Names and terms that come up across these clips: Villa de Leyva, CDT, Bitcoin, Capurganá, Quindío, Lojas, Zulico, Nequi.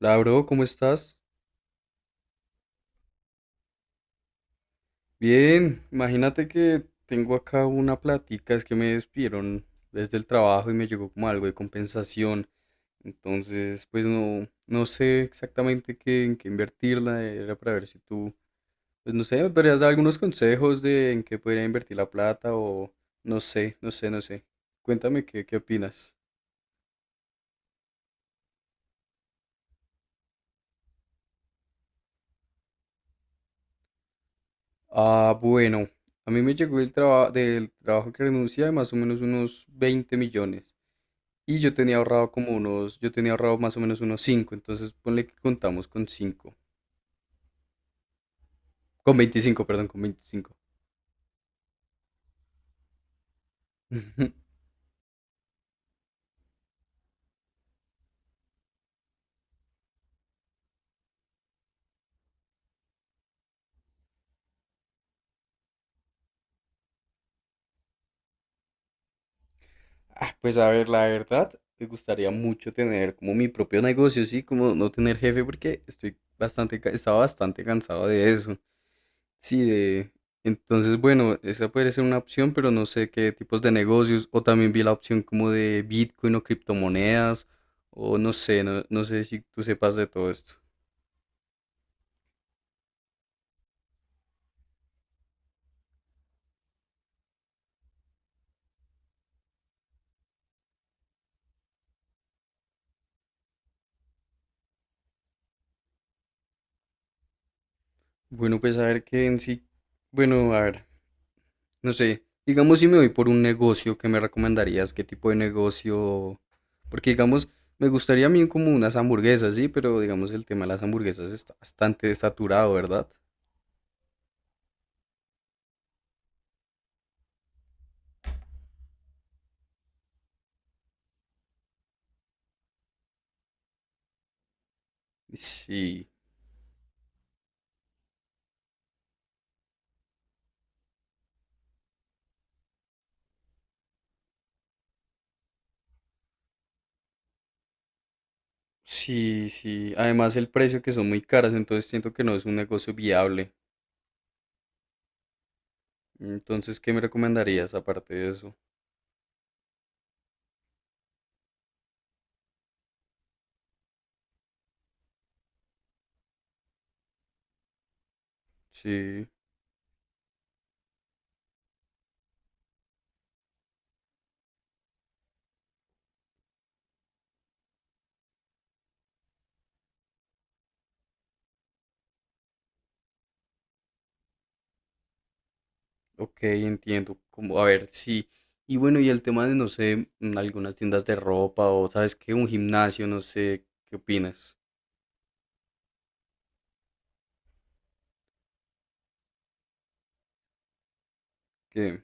Hola, ¿cómo estás? Bien, imagínate que tengo acá una plática, es que me despidieron desde el trabajo y me llegó como algo de compensación. Entonces, pues no sé exactamente en qué invertirla, era para ver si tú, pues no sé, me podrías dar algunos consejos de en qué podría invertir la plata o no sé. Cuéntame qué opinas. Ah, bueno, a mí me llegó el trabajo del trabajo que renuncié de más o menos unos 20 millones. Y yo tenía ahorrado como unos, yo tenía ahorrado más o menos unos cinco, entonces ponle que contamos con 5 con 25, perdón, con 25. Ah, pues a ver, la verdad, me gustaría mucho tener como mi propio negocio, sí, como no tener jefe, porque estoy bastante, estaba bastante cansado de eso. Sí, de... Entonces, bueno, esa puede ser una opción, pero no sé qué tipos de negocios, o también vi la opción como de Bitcoin o criptomonedas, o no sé, no sé si tú sepas de todo esto. Bueno, pues a ver qué en sí. Bueno, a ver, no sé. Digamos, si me voy por un negocio, ¿qué me recomendarías? ¿Qué tipo de negocio? Porque, digamos, me gustaría a mí como unas hamburguesas, sí, pero digamos, el tema de las hamburguesas está bastante saturado, ¿verdad? Sí, sí, sí. Además, el precio que son muy caras, entonces siento que no es un negocio viable. Entonces, ¿qué me recomendarías aparte de eso? Sí. Ok, entiendo. Como, a ver, sí. Y bueno, y el tema de, no sé, algunas tiendas de ropa o, ¿sabes qué? Un gimnasio, no sé, ¿qué opinas? ¿Qué?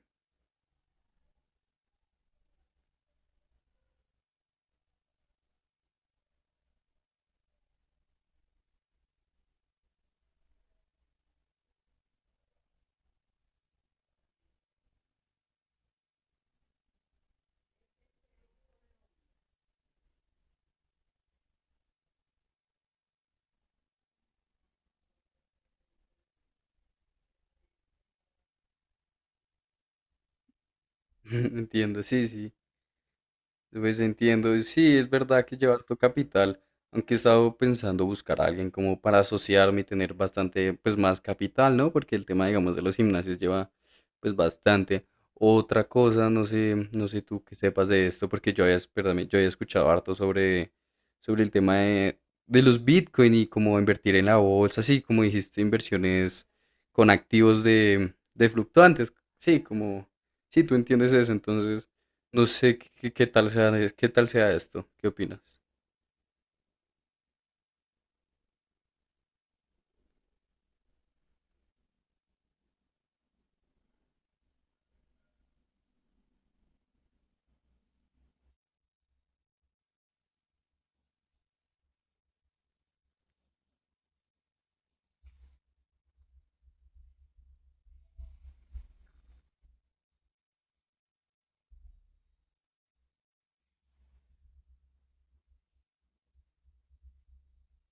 Entiendo, sí, sí. Pues entiendo, sí, es verdad que llevar tu capital, aunque he estado pensando buscar a alguien como para asociarme y tener bastante, pues más capital, ¿no? Porque el tema, digamos, de los gimnasios lleva, pues bastante. Otra cosa, no sé, no sé tú que sepas de esto, porque yo había, perdón, yo había escuchado harto sobre, sobre el tema de los Bitcoin y cómo invertir en la bolsa, así como dijiste, inversiones con activos de fluctuantes, sí, como, sí, tú entiendes eso, entonces... No sé qué tal sea esto. ¿Qué opinas?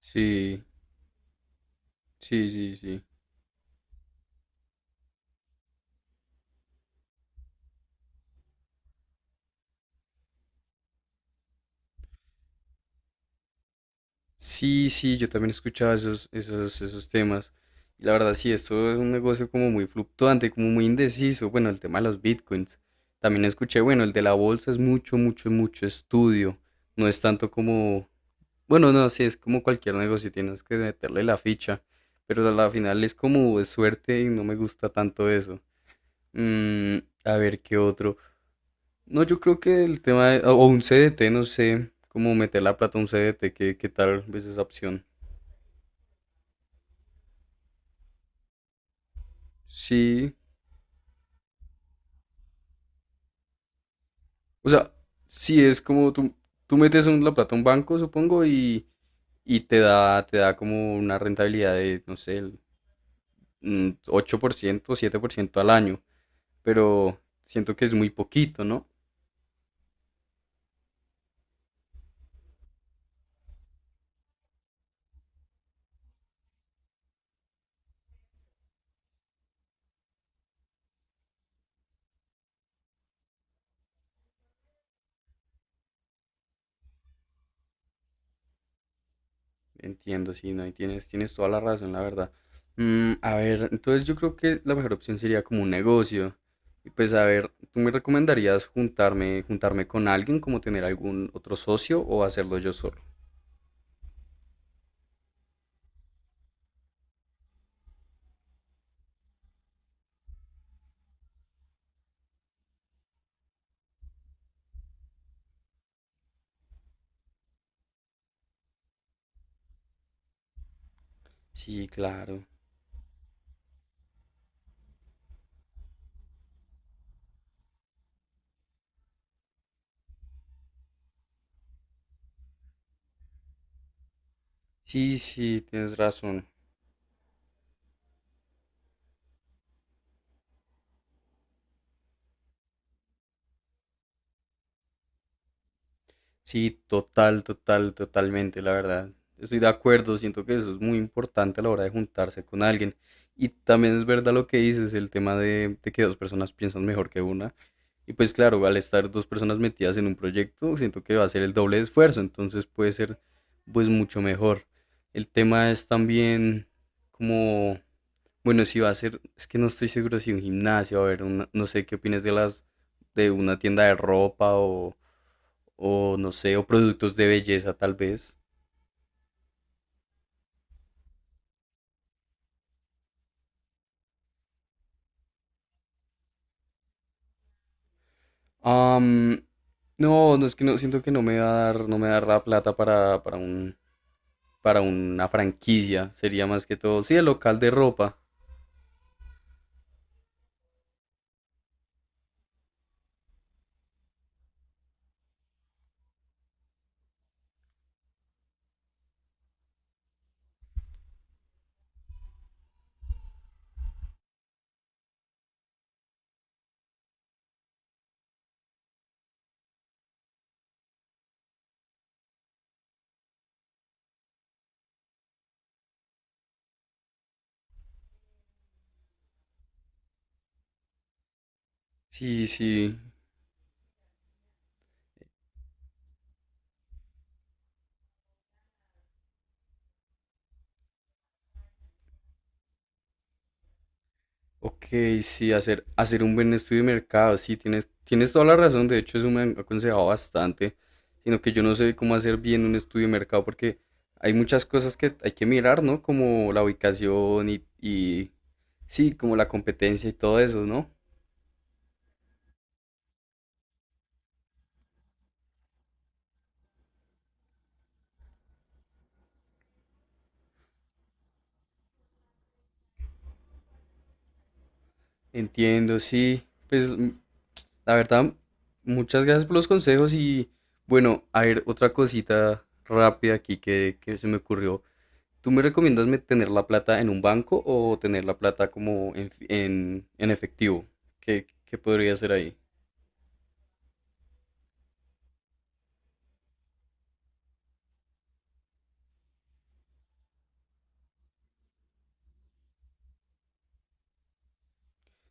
Sí, sí, sí, sí. Sí, sí, yo también escuchaba esos temas. Y la verdad, sí, esto es un negocio como muy fluctuante, como muy indeciso. Bueno, el tema de los bitcoins. También escuché, bueno, el de la bolsa es mucho, mucho, mucho estudio. No es tanto como, bueno, no, sí, es como cualquier negocio, tienes que meterle la ficha. Pero a la final es como de suerte y no me gusta tanto eso. Mm, a ver, ¿qué otro? No, yo creo que el tema o un CDT, no sé cómo meter la plata a un CDT, qué tal ves esa opción. Sí, o sea, sí es como tú metes la plata a un banco, supongo, y te da como una rentabilidad de, no sé, el 8% 7% al año, pero siento que es muy poquito, ¿no? Entiendo, sí, no, y tienes, tienes toda la razón, la verdad. Mm, a ver, entonces yo creo que la mejor opción sería como un negocio. Y pues a ver, ¿tú me recomendarías juntarme con alguien, como tener algún otro socio o hacerlo yo solo? Sí, claro. Sí, sí, tienes razón. Sí, totalmente, la verdad. Estoy de acuerdo, siento que eso es muy importante a la hora de juntarse con alguien. Y también es verdad lo que dices, el tema de que dos personas piensan mejor que una. Y pues claro, al estar dos personas metidas en un proyecto, siento que va a ser el doble de esfuerzo, entonces puede ser pues mucho mejor. El tema es también como, bueno, si va a ser, es que no estoy seguro si un gimnasio, a ver, no sé qué opinas de las, de una tienda de ropa o no sé, o productos de belleza tal vez. Am, no es que no, siento que no me va a dar, no me va a dar la plata para un, para una franquicia, sería más que todo, sí, el local de ropa. Sí, sí. Ok, sí, hacer un buen estudio de mercado, sí, tienes toda la razón, de hecho eso me han aconsejado bastante, sino que yo no sé cómo hacer bien un estudio de mercado porque hay muchas cosas que hay que mirar, ¿no? Como la ubicación y sí, como la competencia y todo eso, ¿no? Entiendo, sí, pues mm, la verdad, muchas gracias por los consejos y bueno, a ver, otra cosita rápida aquí que se me ocurrió. ¿Tú me recomiendas tener la plata en un banco o tener la plata como en, en efectivo? Qué podría hacer ahí?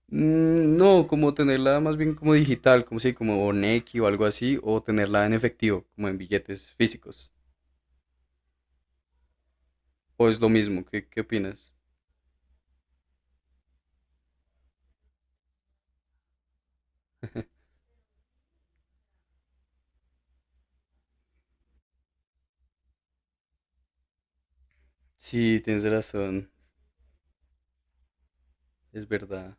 Mm, no, como tenerla más bien como digital, como si, como Nequi o algo así, o tenerla en efectivo, como en billetes físicos. ¿O es lo mismo? Qué opinas? Sí, tienes razón, es verdad.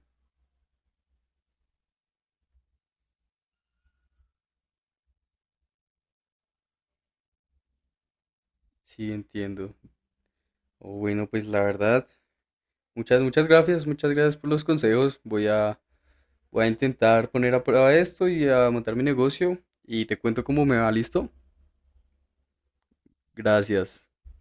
Sí, entiendo. Oh, bueno, pues la verdad, muchas, muchas gracias por los consejos. Voy a voy a intentar poner a prueba esto y a montar mi negocio y te cuento cómo me va, ¿listo? Gracias.